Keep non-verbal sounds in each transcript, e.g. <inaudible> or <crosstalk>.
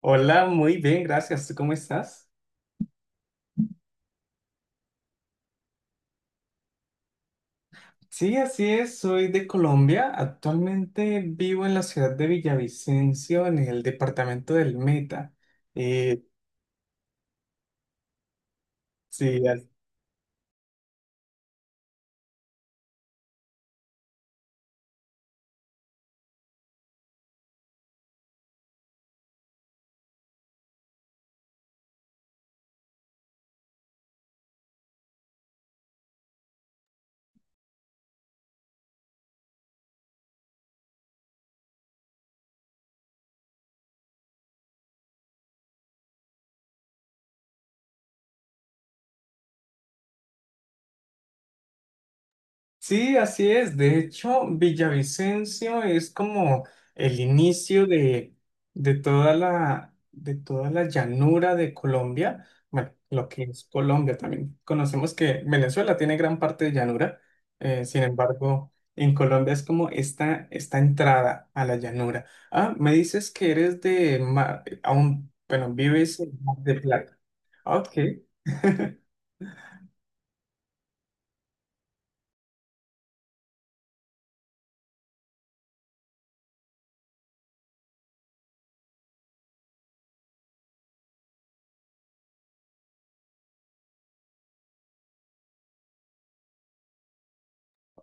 Hola, muy bien, gracias. ¿Tú cómo estás? Sí, así es, soy de Colombia. Actualmente vivo en la ciudad de Villavicencio, en el departamento del Meta. Eh, sí, Sí, así es. De hecho, Villavicencio es como el inicio de toda la llanura de Colombia. Bueno, lo que es Colombia también. Conocemos que Venezuela tiene gran parte de llanura. Sin embargo, en Colombia es como esta entrada a la llanura. Ah, me dices que eres de Mar, aún, bueno, vives en Mar de Plata. Ah, Ok. <laughs>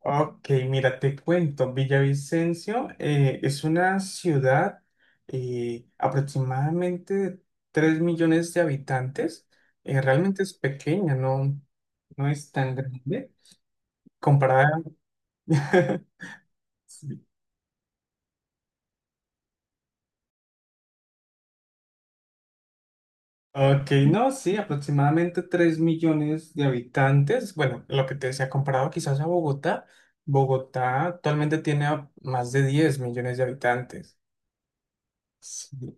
Ok, mira, te cuento, Villavicencio es una ciudad aproximadamente de 3 millones de habitantes. Realmente es pequeña, no, no es tan grande comparada. <laughs> Sí. Ok, no, sí, aproximadamente 3 millones de habitantes. Bueno, lo que te decía, comparado quizás a Bogotá, Bogotá actualmente tiene más de 10 millones de habitantes. Sí.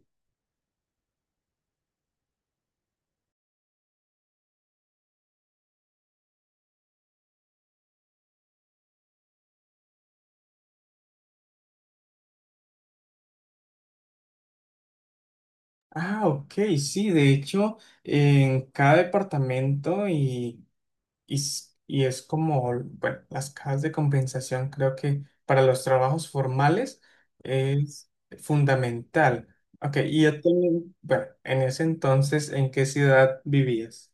Ah, ok, sí, de hecho, en cada departamento y es como, bueno, las cajas de compensación creo que para los trabajos formales es fundamental. Ok, y actualmente, bueno, en ese entonces, ¿en qué ciudad vivías?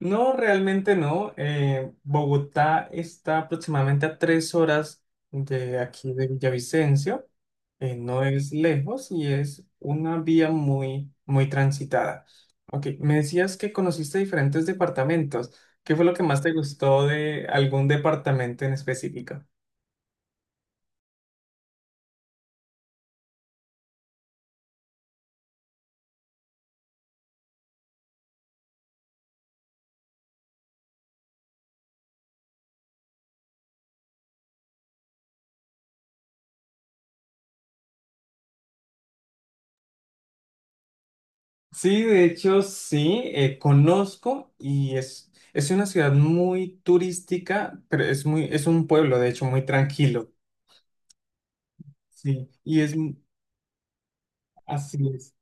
No, realmente no. Bogotá está aproximadamente a 3 horas de aquí de Villavicencio. No es lejos y es una vía muy, muy transitada. Ok, me decías que conociste diferentes departamentos. ¿Qué fue lo que más te gustó de algún departamento en específico? Sí, de hecho, sí, conozco y es una ciudad muy turística, pero es un pueblo, de hecho, muy tranquilo. Sí, así es.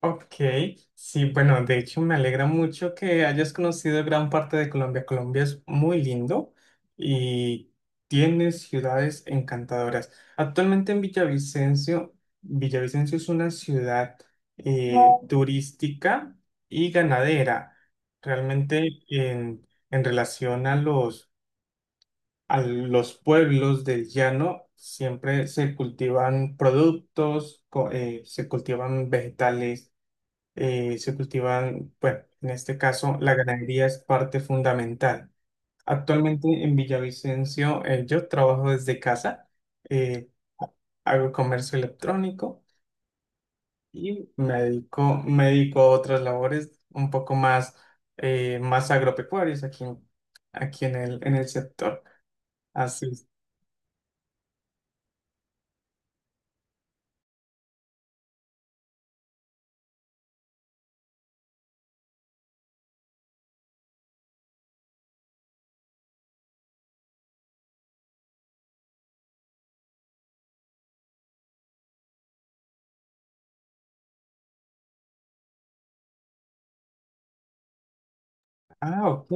Ok, sí, bueno, de hecho me alegra mucho que hayas conocido gran parte de Colombia. Colombia es muy lindo y tiene ciudades encantadoras. Actualmente en Villavicencio, es una ciudad eh, turística y ganadera. Realmente en relación a a los pueblos del llano, siempre se cultivan productos, se cultivan vegetales bueno, en este caso la ganadería es parte fundamental. Actualmente en Villavicencio yo trabajo desde casa, eh, hago comercio electrónico y me dedico a otras labores un poco más, más agropecuarias aquí, aquí en el sector. Así es. Ah, ok.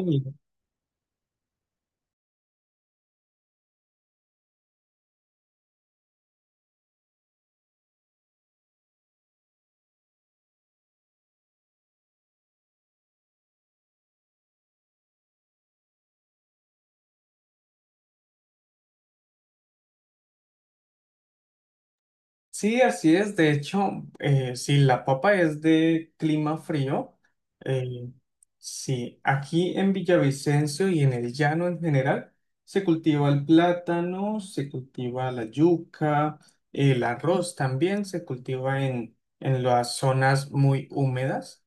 Sí, así es. De hecho, si la papa es de clima frío, eh, sí, aquí en Villavicencio y en el llano en general, se cultiva el plátano, se cultiva la yuca, el arroz también se cultiva en las zonas muy húmedas.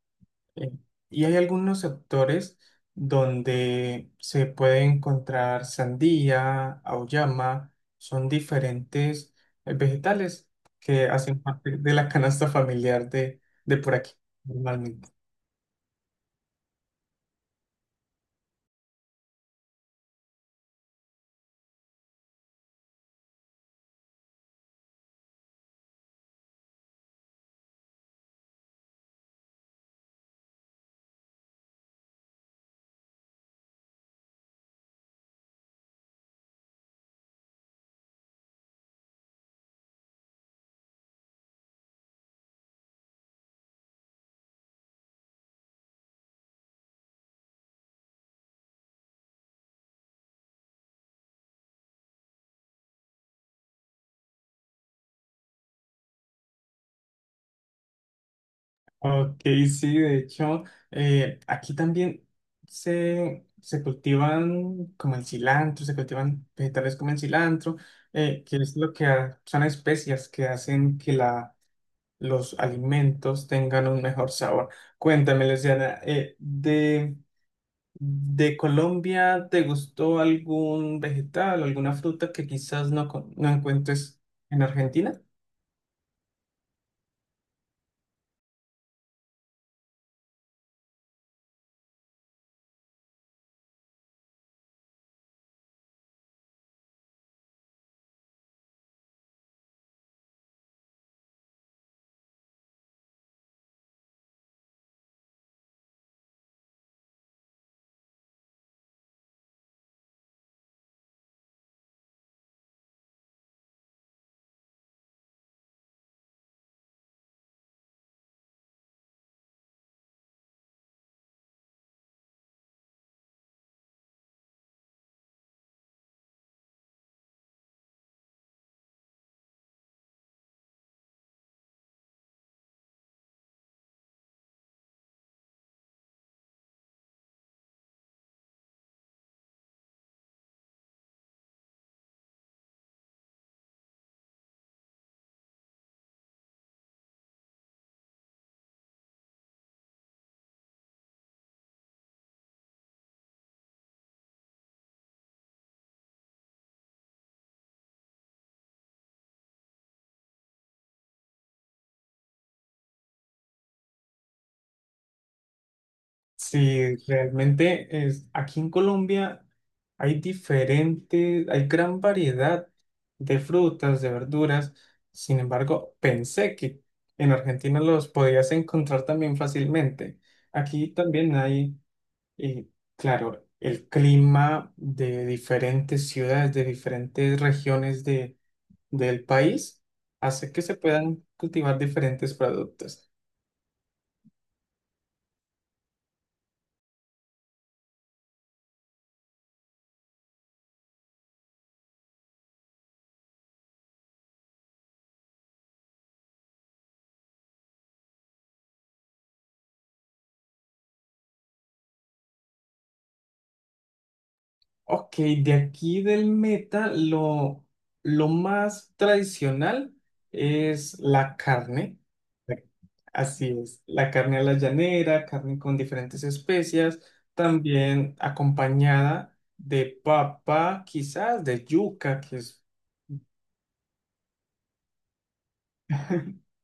Eh, Y hay algunos sectores donde se puede encontrar sandía, auyama, son diferentes vegetales que hacen parte de la canasta familiar de por aquí, normalmente. Ok, sí, de hecho, aquí también se cultivan como el cilantro, se cultivan vegetales como el cilantro, que es lo que son especias que hacen que la los alimentos tengan un mejor sabor. Cuéntame, Luciana, de Colombia, ¿te gustó algún vegetal, alguna fruta que quizás no encuentres en Argentina? Sí, aquí en Colombia hay gran variedad de frutas, de verduras. Sin embargo, pensé que en Argentina los podías encontrar también fácilmente. Aquí también hay Y claro, el clima de diferentes ciudades, de diferentes regiones del país, hace que se puedan cultivar diferentes productos. Ok, de aquí del Meta, lo más tradicional es la carne. Así es, la carne a la llanera, carne con diferentes especias, también acompañada de papa, quizás de yuca. <laughs>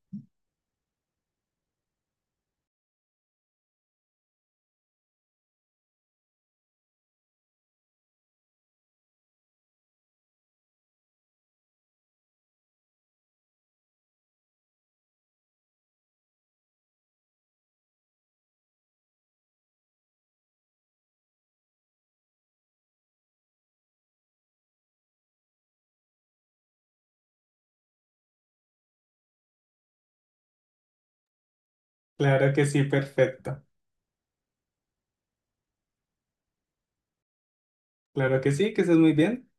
Claro que sí, perfecto. Claro que sí, que es muy bien.